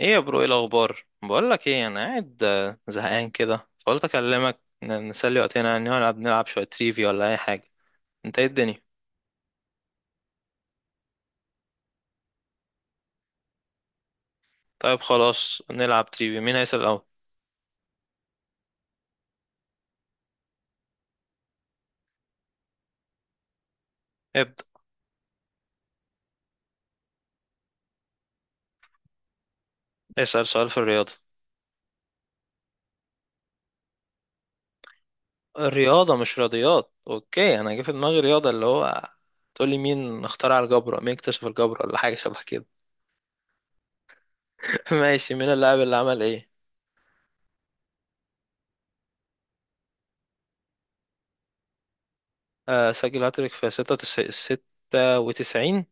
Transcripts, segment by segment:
ايه يا برو؟ ايه الاخبار؟ بقول لك ايه، انا قاعد زهقان كده فقلت اكلمك نسلي وقتنا، يعني نلعب شويه تريفي ولا اي حاجه. انت، ايه الدنيا؟ طيب، خلاص نلعب تريفي. مين هيسال الاول؟ ابدا. اسال سؤال في الرياضه. الرياضه مش رياضيات. اوكي، انا جه في دماغي رياضه اللي هو تقول لي مين اخترع الجبر، أو مين اكتشف الجبر، ولا حاجه شبه كده. ماشي، مين اللاعب اللي عمل ايه؟ آه سجل هاتريك في 96. 96.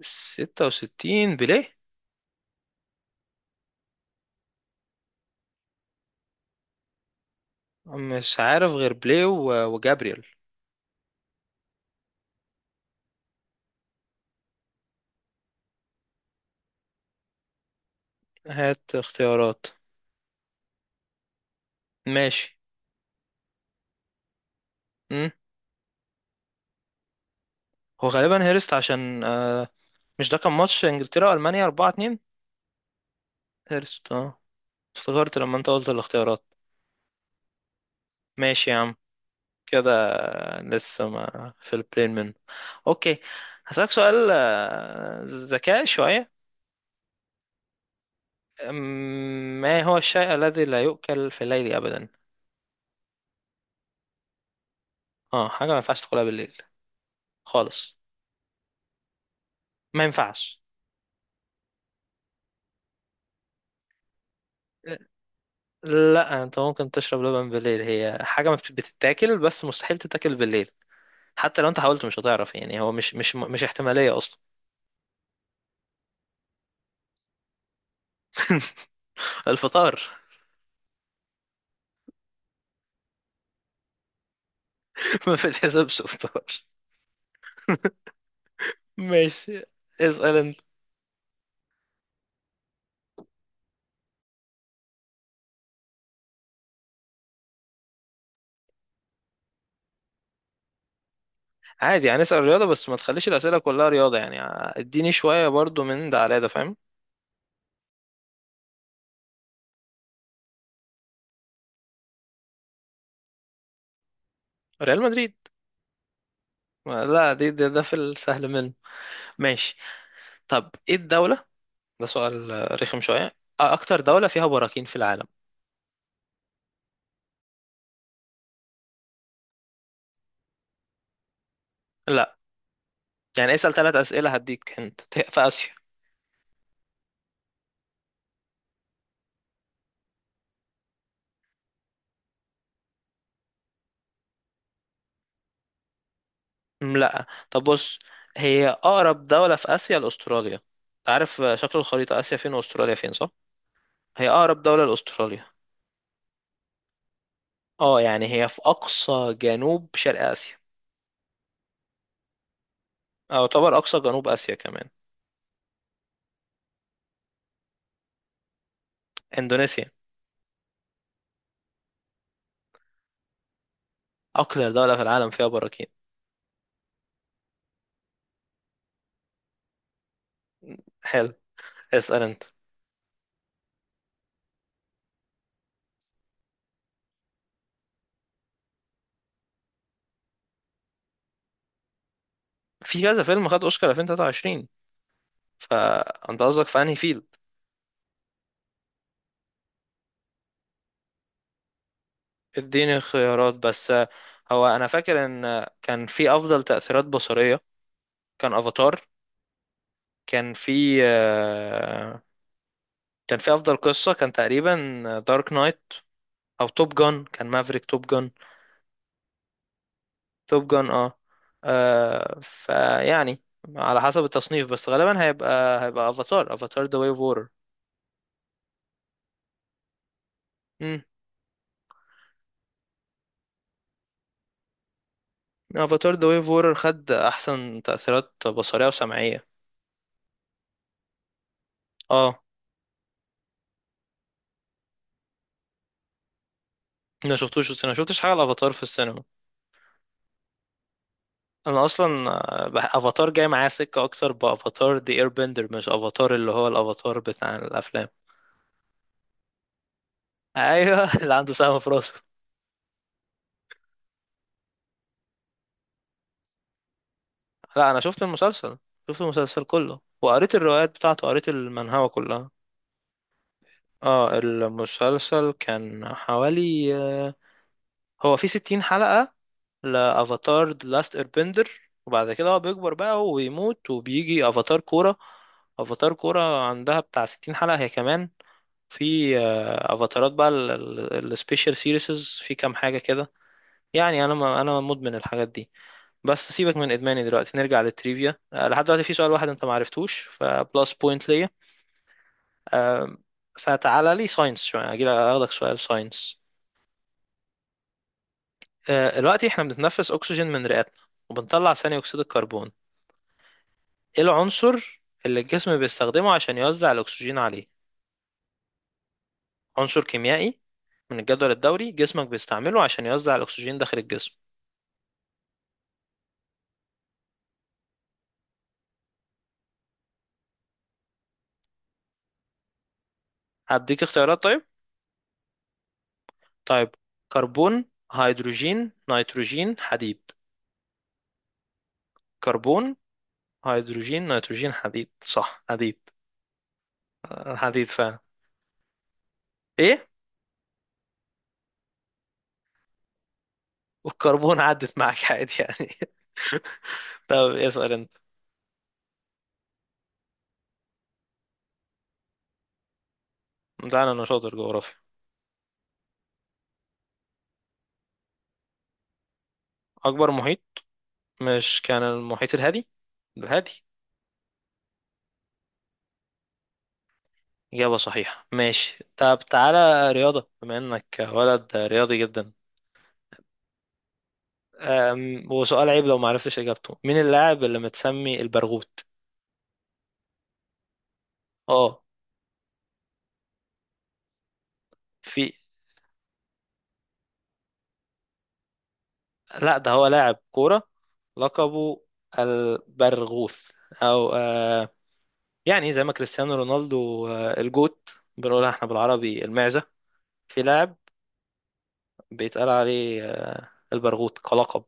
66، بيليه؟ مش عارف غير بلاي وجابريل. هات اختيارات. ماشي. امم هو غالبا هيرست، عشان مش ده كان ماتش انجلترا والمانيا 4-2؟ هيرست، اه، افتكرت لما انت قلت الاختيارات. ماشي يا عم، كده. لسه ما في البلين منه. اوكي. هسألك سؤال ذكاء شوية. أم، ما هو الشيء الذي لا يؤكل في الليل أبدا؟ اه، حاجة ما ينفعش تاكلها بالليل خالص. ما ينفعش. لا، انت ممكن تشرب لبن بالليل. هي حاجة ما بتتاكل، بس مستحيل تتاكل بالليل. حتى لو انت حاولت مش هتعرف، يعني هو مش احتمالية اصلا. الفطار. ما بتحسبش فطار. ماشي، اسأل انت. عادي، يعني اسأل رياضة، بس ما تخليش الأسئلة كلها رياضة يعني. اديني شوية برضو من ده على ده. فاهم؟ ريال مدريد. لا، دي ده في السهل منه. ماشي. طب ايه الدولة؟ ده سؤال رخم شوية. أكتر دولة فيها براكين في العالم؟ لا. يعني اسأل ثلاث أسئلة هديك انت. في آسيا. لا، طب بص. هي اقرب دولة في اسيا لاستراليا. انت عارف شكل الخريطة، اسيا فين واستراليا فين، صح؟ هي اقرب دولة لاستراليا. اه، يعني هي في اقصى جنوب شرق اسيا. او يعتبر اقصى جنوب اسيا كمان. اندونيسيا. اقلى دولة في العالم فيها براكين. حلو، اسأل انت. في كذا فيلم خد اوسكار 2023، فانت قصدك في انهي فيلد؟ اديني خيارات بس، هو انا فاكر ان كان في افضل تأثيرات بصرية، كان افاتار. كان في كان في افضل قصه كان تقريبا دارك نايت. او توب جان، كان مافريك توب جان. توب جان، اه، فيعني على حسب التصنيف، بس غالبا هيبقى افاتار. افاتار ذا واي اوف وورر. امم افاتار ذا واي اوف وورر خد احسن تاثيرات بصريه وسمعيه. اه، ما شفتوش في السينما، ما شفتش حاجه الافاتار في السينما. انا اصلا افاتار جاي معايا سكه اكتر بافاتار ذا اير بندر، مش افاتار اللي هو الافاتار بتاع الافلام. ايوه، اللي عنده سهم في راسه. لا، انا شفت المسلسل، شفت المسلسل كله وقريت الروايات بتاعته، قريت المانهوا كلها. اه المسلسل كان حوالي، هو في 60 حلقة لأفاتار The Last Airbender. وبعد كده هو بيكبر بقى ويموت، وبيجي أفاتار كورة. أفاتار كورة عندها بتاع 60 حلقة هي كمان. في أفاتارات بقى السبيشال سيريسز في كام حاجة كده. يعني أنا، ما أنا مدمن الحاجات دي. بس سيبك من ادماني دلوقتي، نرجع للتريفيا. لحد دلوقتي في سؤال واحد انت ما عرفتوش، فبلس بوينت ليا. آه، فتعالى لي ساينس شويه اجي اخدك سؤال ساينس. دلوقتي احنا بنتنفس اكسجين من رئتنا، وبنطلع ثاني اكسيد الكربون. ايه العنصر اللي الجسم بيستخدمه عشان يوزع الاكسجين عليه؟ عنصر كيميائي من الجدول الدوري جسمك بيستعمله عشان يوزع الاكسجين داخل الجسم. هديك اختيارات طيب. طيب، كربون، هيدروجين، نيتروجين، حديد. كربون، هيدروجين، نيتروجين، حديد. صح، حديد. حديد فعلا. ايه، والكربون عدت معاك عادي يعني. طب اسأل انت. تعالى، انا شاطر جغرافيا. اكبر محيط، مش كان المحيط الهادي؟ الهادي. إجابة صحيحة. ماشي، طب تعالى رياضة، بما إنك ولد رياضي جدا. وسؤال عيب لو معرفتش إجابته، مين اللاعب اللي متسمي البرغوت؟ اه. في، لا ده هو لاعب كورة، لقبه البرغوث، أو يعني زي ما كريستيانو رونالدو، الجوت بنقولها احنا بالعربي المعزة. في لاعب بيتقال عليه، البرغوت كلقب،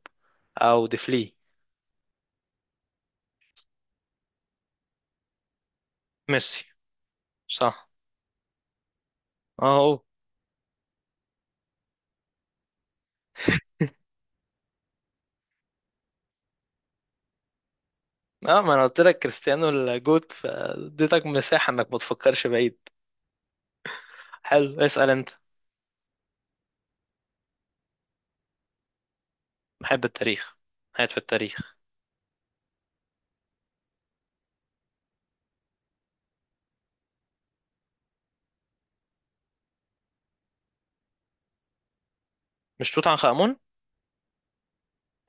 او ديفلي. ميسي، صح، اهو. اه، ما انا قلت لك كريستيانو الجوت، فاديتك مساحة انك ما تفكرش بعيد. حلو، اسأل انت. بحب التاريخ، قاعد في التاريخ. مش توت عنخ آمون؟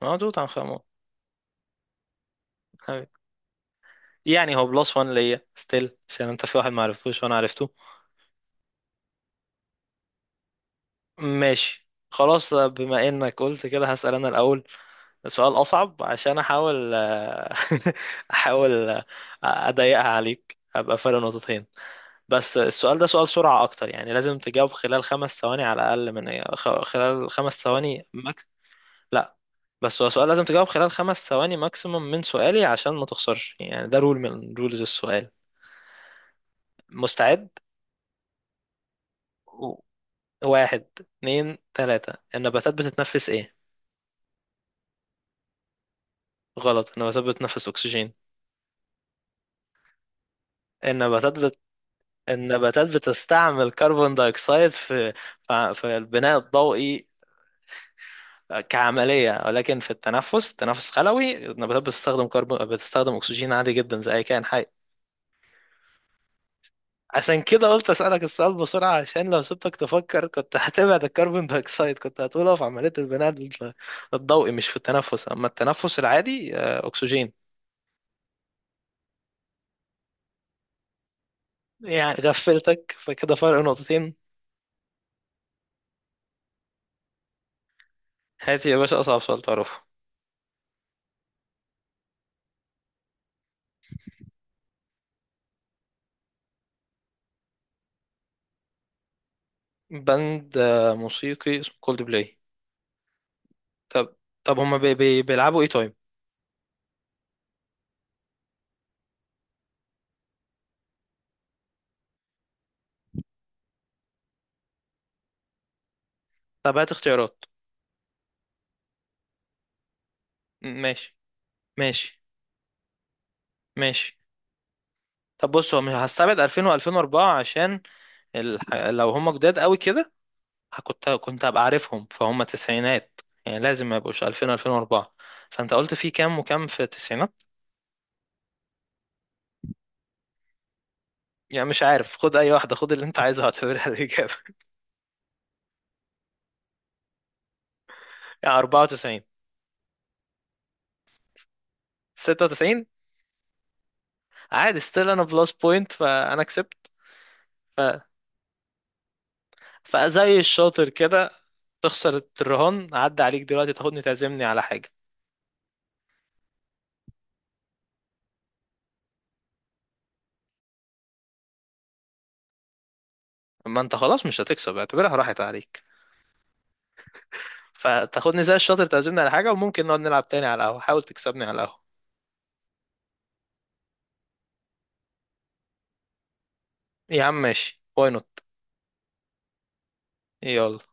اه، توت عنخ آمون. حبيبي. يعني هو بلس وان ليا ستيل، عشان انت في واحد ما عرفتوش وانا عرفته. ماشي خلاص، بما انك قلت كده هسأل انا الاول. سؤال أصعب عشان أحاول آه، أحاول أضيقها عليك أبقى فرق نقطتين. بس السؤال ده سؤال سرعة أكتر، يعني لازم تجاوب خلال 5 ثواني على الأقل، من خلال 5 ثواني ماكس. لا، بس هو سؤال لازم تجاوب خلال خمس ثواني ماكسيموم من سؤالي عشان ما تخسرش، يعني ده رول من رولز السؤال. مستعد. و- واحد اتنين تلاتة، النباتات بتتنفس إيه؟ غلط، النباتات بتتنفس أكسجين. النباتات النباتات بتستعمل كربون دايوكسيد في البناء الضوئي كعملية، ولكن في التنفس، تنفس خلوي، النباتات بتستخدم أكسجين عادي جدا زي أي كائن حي. عشان كده قلت أسألك السؤال بسرعة عشان لو سبتك تفكر كنت هتبعد الكربون دايوكسيد، كنت هتقوله في عملية البناء الضوئي، مش في التنفس. أما التنفس العادي أكسجين. يعني غفلتك، فكده فرق نقطتين. هاتي يا باشا أصعب سؤال تعرفه. بند موسيقي اسمه كولد بلاي. طب طب هما بي بي بيلعبوا ايه طيب؟ طب هات اختيارات. ماشي. ماشي. ماشي. طب بص، هو مش هستبعد 2000 و2004 عشان لو هما جداد قوي كده، كنت هبقى عارفهم، فهم تسعينات. يعني لازم ما يبقوش 2000 و2004. فانت قلت في كام وكام في التسعينات؟ يعني مش عارف، خد اي واحده، خد اللي انت عايزها اعتبرها الاجابه. يعني 94. 96. عادي، ستيل انا بلس بوينت فانا كسبت. فزي الشاطر كده، تخسر الرهان عدى عليك دلوقتي تاخدني تعزمني على حاجة. ما انت خلاص مش هتكسب، اعتبرها راحت عليك. فتاخدني زي الشاطر تعزمني على حاجة، وممكن نقعد نلعب تاني على القهوة، حاول تكسبني على القهوة. يا عم ماشي، واي نوت. يلا.